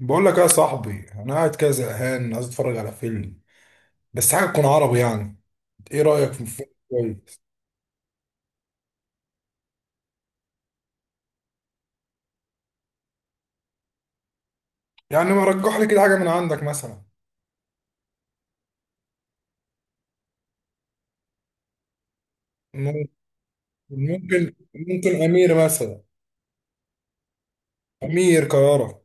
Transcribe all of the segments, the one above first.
بقول لك ايه يا صاحبي؟ انا قاعد كده زهقان، عايز اتفرج على فيلم، بس حاجه تكون عربي يعني. ايه رايك في فيلم كويس؟ يعني ما رجح لي كده حاجه من عندك مثلا؟ ممكن ممكن امير مثلا. امير كرارة.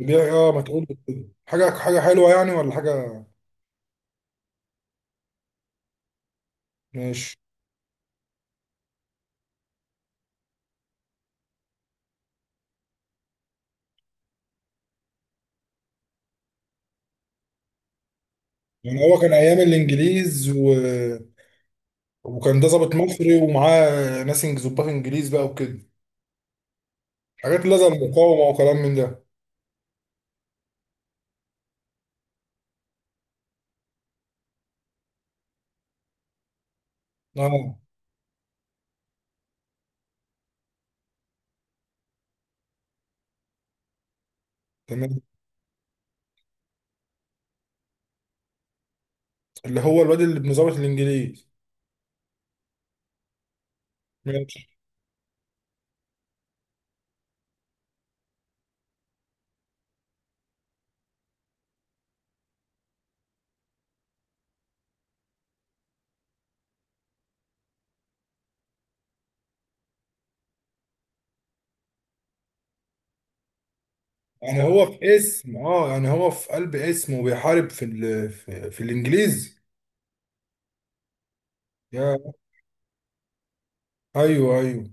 بيع اه ما تقول لي كده. حاجه حلوه يعني ولا حاجه؟ ماشي. يعني هو كان ايام الانجليز. وكان ده ضابط مصري، ومعاه ناس ظباط انجليز بقى وكده، حاجات اللي زي المقاومه وكلام من ده. اه، تمام. اللي هو الواد اللي ابن ظابط الانجليز. ماشي. يعني هو في اسم، يعني هو في قلب اسم، وبيحارب في الانجليزي. يا ايوه، ايوه.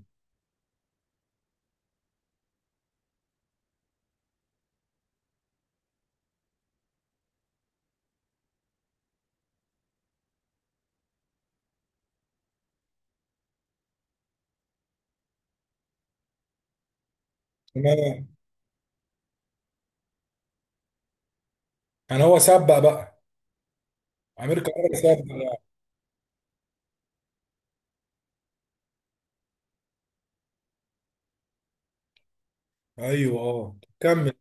تمام. يعني هو سبق بقى، امير كرارة سبق بقى. ايوه، اه، كمل.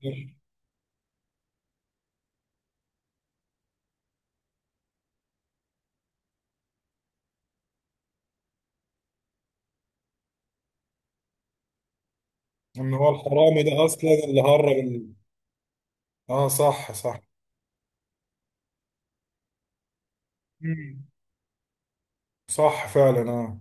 ان هو الحرامي ده اصلا اللي هرب. اه، صح صح. مم. صح فعلا، اه.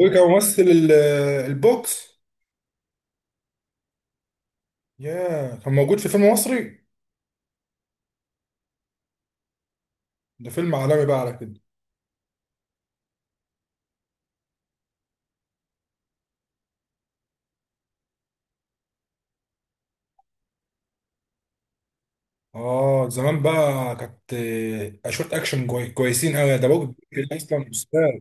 هو كان ممثل البوكس. يا، كان موجود في فيلم مصري؟ ده فيلم عالمي بقى على كده. اه، زمان بقى كانت اشوت اكشن كويسين قوي ده بوجد. اصلا استاذ.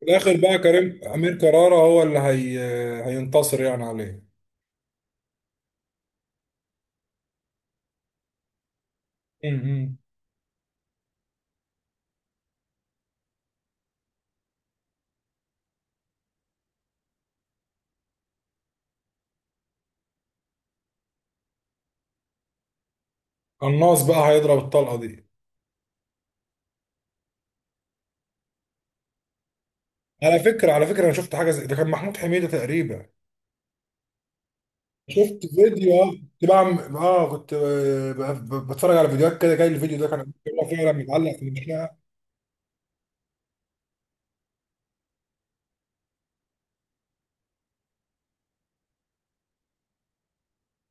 في الاخر بقى كريم امير كرارة هو اللي هينتصر يعني عليه؟ امم قناص بقى هيضرب الطلقه دي؟ على فكره، على فكره، انا شفت حاجه زي ده، كان محمود حميده تقريبا. شفت فيديو. اه. كنت بعمل اه كنت بتفرج على فيديوهات كده، جاي الفيديو ده كان. هو فعلا متعلق في المشنقه.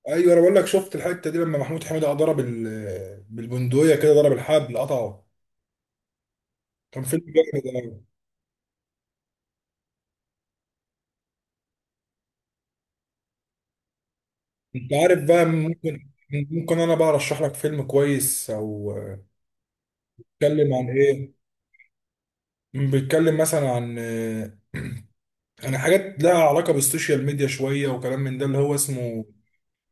ايوه. انا بقول لك، شفت الحته دي لما محمود حميده ضرب بالبندقيه كده، ضرب الحبل قطعه. كان فيلم جامد. انت عارف بقى؟ ممكن انا بقى ارشح لك فيلم كويس او... بيتكلم عن ايه؟ بيتكلم مثلا عن حاجات لها علاقه بالسوشيال ميديا شويه وكلام من ده، اللي هو اسمه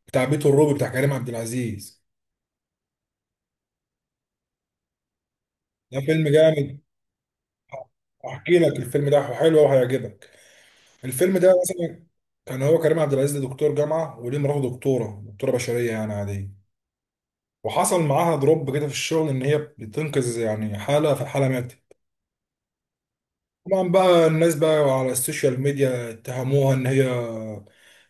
بتاع بيت الروبي بتاع كريم عبد العزيز. ده فيلم جامد. احكي لك، الفيلم ده حلو وهيعجبك. الفيلم ده مثلا كان هو كريم عبد العزيز ده دكتور جامعه، وليه مراته دكتوره بشريه يعني عاديه. وحصل معاها دروب كده في الشغل، ان هي بتنقذ يعني حاله، فالحاله ماتت. طبعا بقى الناس بقى على السوشيال ميديا اتهموها ان هي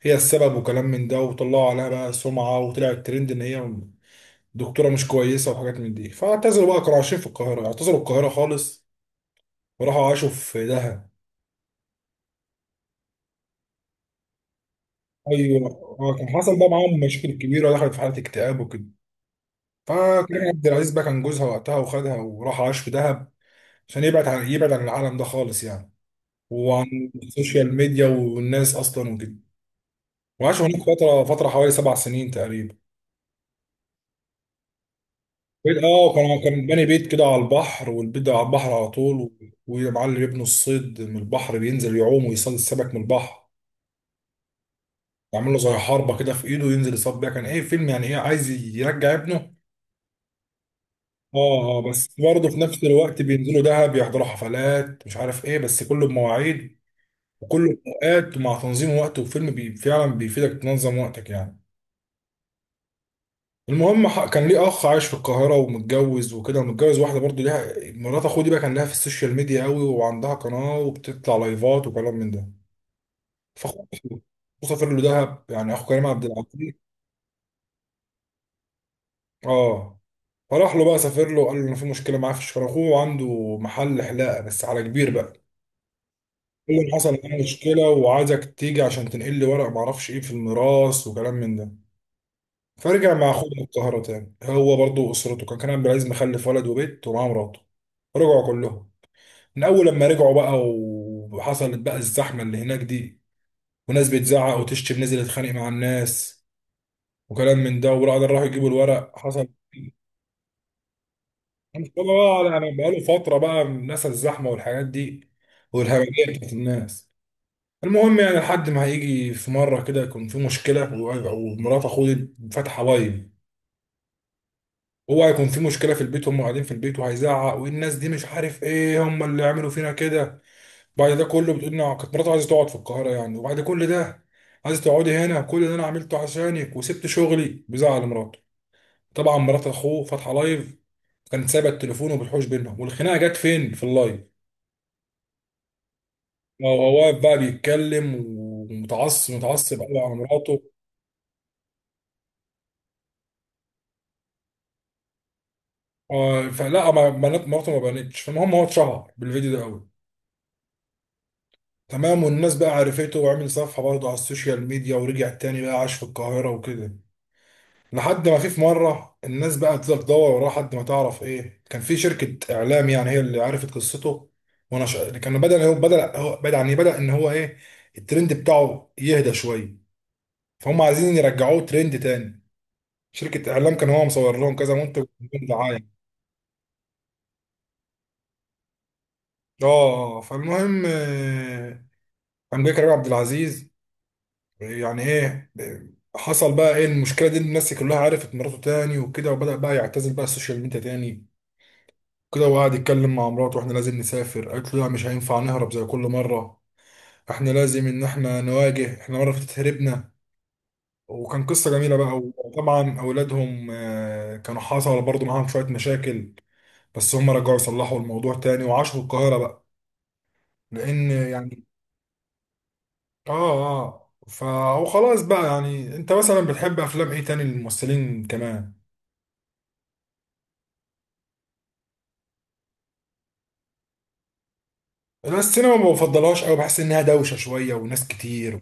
هي السبب وكلام من ده، وطلعوا عليها بقى سمعة، وطلع الترند ان هي دكتورة مش كويسة وحاجات من دي. فاعتزلوا بقى، كانوا عايشين في القاهرة، اعتزلوا القاهرة خالص وراحوا عاشوا في دهب. ايوه. كان حصل بقى معاهم مشاكل كبيرة، دخلت في حالة اكتئاب وكده، فكريم عبد العزيز بقى كان جوزها وقتها، وخدها وراح عاش في دهب عشان يبعد عن العالم ده خالص يعني، وعن السوشيال ميديا والناس اصلا وكده. وعاشوا هناك فترة، حوالي 7 سنين تقريبا. بيت اه كان باني بيت كده على البحر، والبيت ده على البحر على طول، ويا معلم يبنوا الصيد من البحر، بينزل يعوم ويصيد السمك من البحر، يعمل له زي حربه كده في ايده، ينزل يصطاد بيها. كان ايه فيلم يعني، ايه عايز يرجع ابنه. اه، اه، بس برضه في نفس الوقت بينزلوا دهب يحضروا حفلات مش عارف ايه، بس كله بمواعيد وكله بأوقات ومع تنظيم وقت، وفيلم بي فعلا بيفيدك تنظم وقتك يعني. المهم كان ليه اخ عايش في القاهره ومتجوز وكده، ومتجوز واحده برضو، ليها مرات اخوه دي بقى، كان لها في السوشيال ميديا قوي وعندها قناه وبتطلع لايفات وكلام من ده. فاخوه سافر له دهب يعني، اخو كريم عبد العزيز. اه. فراح له بقى سافر له وقال له ان في مشكله معاه في الشغل، اخوه عنده محل حلاقه بس على كبير بقى. قال له إن حصل معايا مشكله وعايزك تيجي عشان تنقل لي ورق معرفش ايه في الميراث وكلام من ده. فرجع مع اخوه القاهره تاني، هو برضو اسرته، كان كريم عبد العزيز مخلف ولد وبيت ومعاه مراته، رجعوا كلهم. من اول لما رجعوا بقى وحصلت بقى الزحمه اللي هناك دي، وناس بتزعق وتشتم، نزل يتخانق مع الناس وكلام من ده. وبعد راحوا يجيبوا الورق حصل انا مش فاهم بقى يعني بقاله فتره بقى الناس الزحمه والحاجات دي والهمجيه بتاعت الناس. المهم يعني لحد ما هيجي في مره كده يكون في مشكله ومرات اخوه فاتحه لايف. هو هيكون في مشكله في البيت، هم قاعدين في البيت وهيزعق، والناس دي مش عارف ايه هم اللي عملوا فينا كده. بعد ده كله بتقول إن كانت مراته عايزة تقعد في القاهرة يعني، وبعد كل ده عايزة تقعدي هنا، كل ده أنا عملته عشانك وسبت شغلي. بزعل مراته. طبعا مرات أخوه فاتحة لايف، كانت سايبة التليفون وبتحوش بينهم، والخناقة جت فين؟ في اللايف. هو واقف بقى بيتكلم ومتعصب، متعصب قوي على مراته. فلا ما بنات مراته ما بانتش، فالمهم هو اتشهر بالفيديو ده قوي. تمام. والناس بقى عرفته، وعمل صفحة برضه على السوشيال ميديا ورجع تاني بقى عاش في القاهرة وكده. لحد ما في مره الناس بقى تفضل تدور وراه لحد ما تعرف ايه، كان في شركه اعلام يعني هي اللي عرفت قصته. كان بدا هو بدا هو بدا يعني بدا ان هو ايه، الترند بتاعه يهدى شويه، فهم عايزين يرجعوه ترند تاني. شركه اعلام كان هو مصور لهم كذا منتج وعاملين دعايه. فالمهم، قام جاي كريم عبد العزيز يعني ايه، حصل بقى ايه المشكله دي؟ الناس كلها عرفت مراته تاني وكده، وبدا بقى يعتزل بقى السوشيال ميديا تاني كده، وقعد يتكلم مع مراته، واحنا لازم نسافر. قالت له لا، مش هينفع نهرب زي كل مرة، احنا لازم ان احنا نواجه، احنا مرة فاتت هربنا. وكان قصة جميلة بقى. وطبعا اولادهم كانوا حصل برضه معاهم شوية مشاكل، بس هم رجعوا يصلحوا الموضوع تاني وعاشوا في القاهرة بقى، لان يعني... اه اه. فهو خلاص بقى يعني، انت مثلا بتحب افلام ايه تاني للممثلين كمان؟ انا السينما ما بفضلهاش قوي، بحس انها دوشة شوية وناس كتير.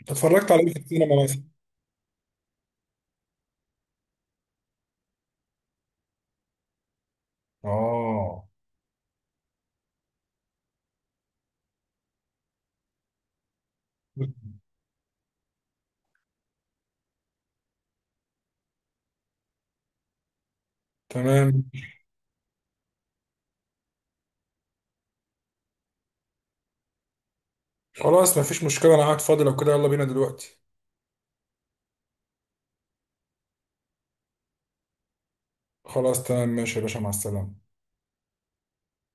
انت اتفرجت على ايه في السينما مثلا؟ اه، تمام. خلاص، مفيش مشكلة، أنا قاعد فاضي، لو كده يلا بينا دلوقتي. خلاص تمام، ماشي يا باشا، مع السلامة.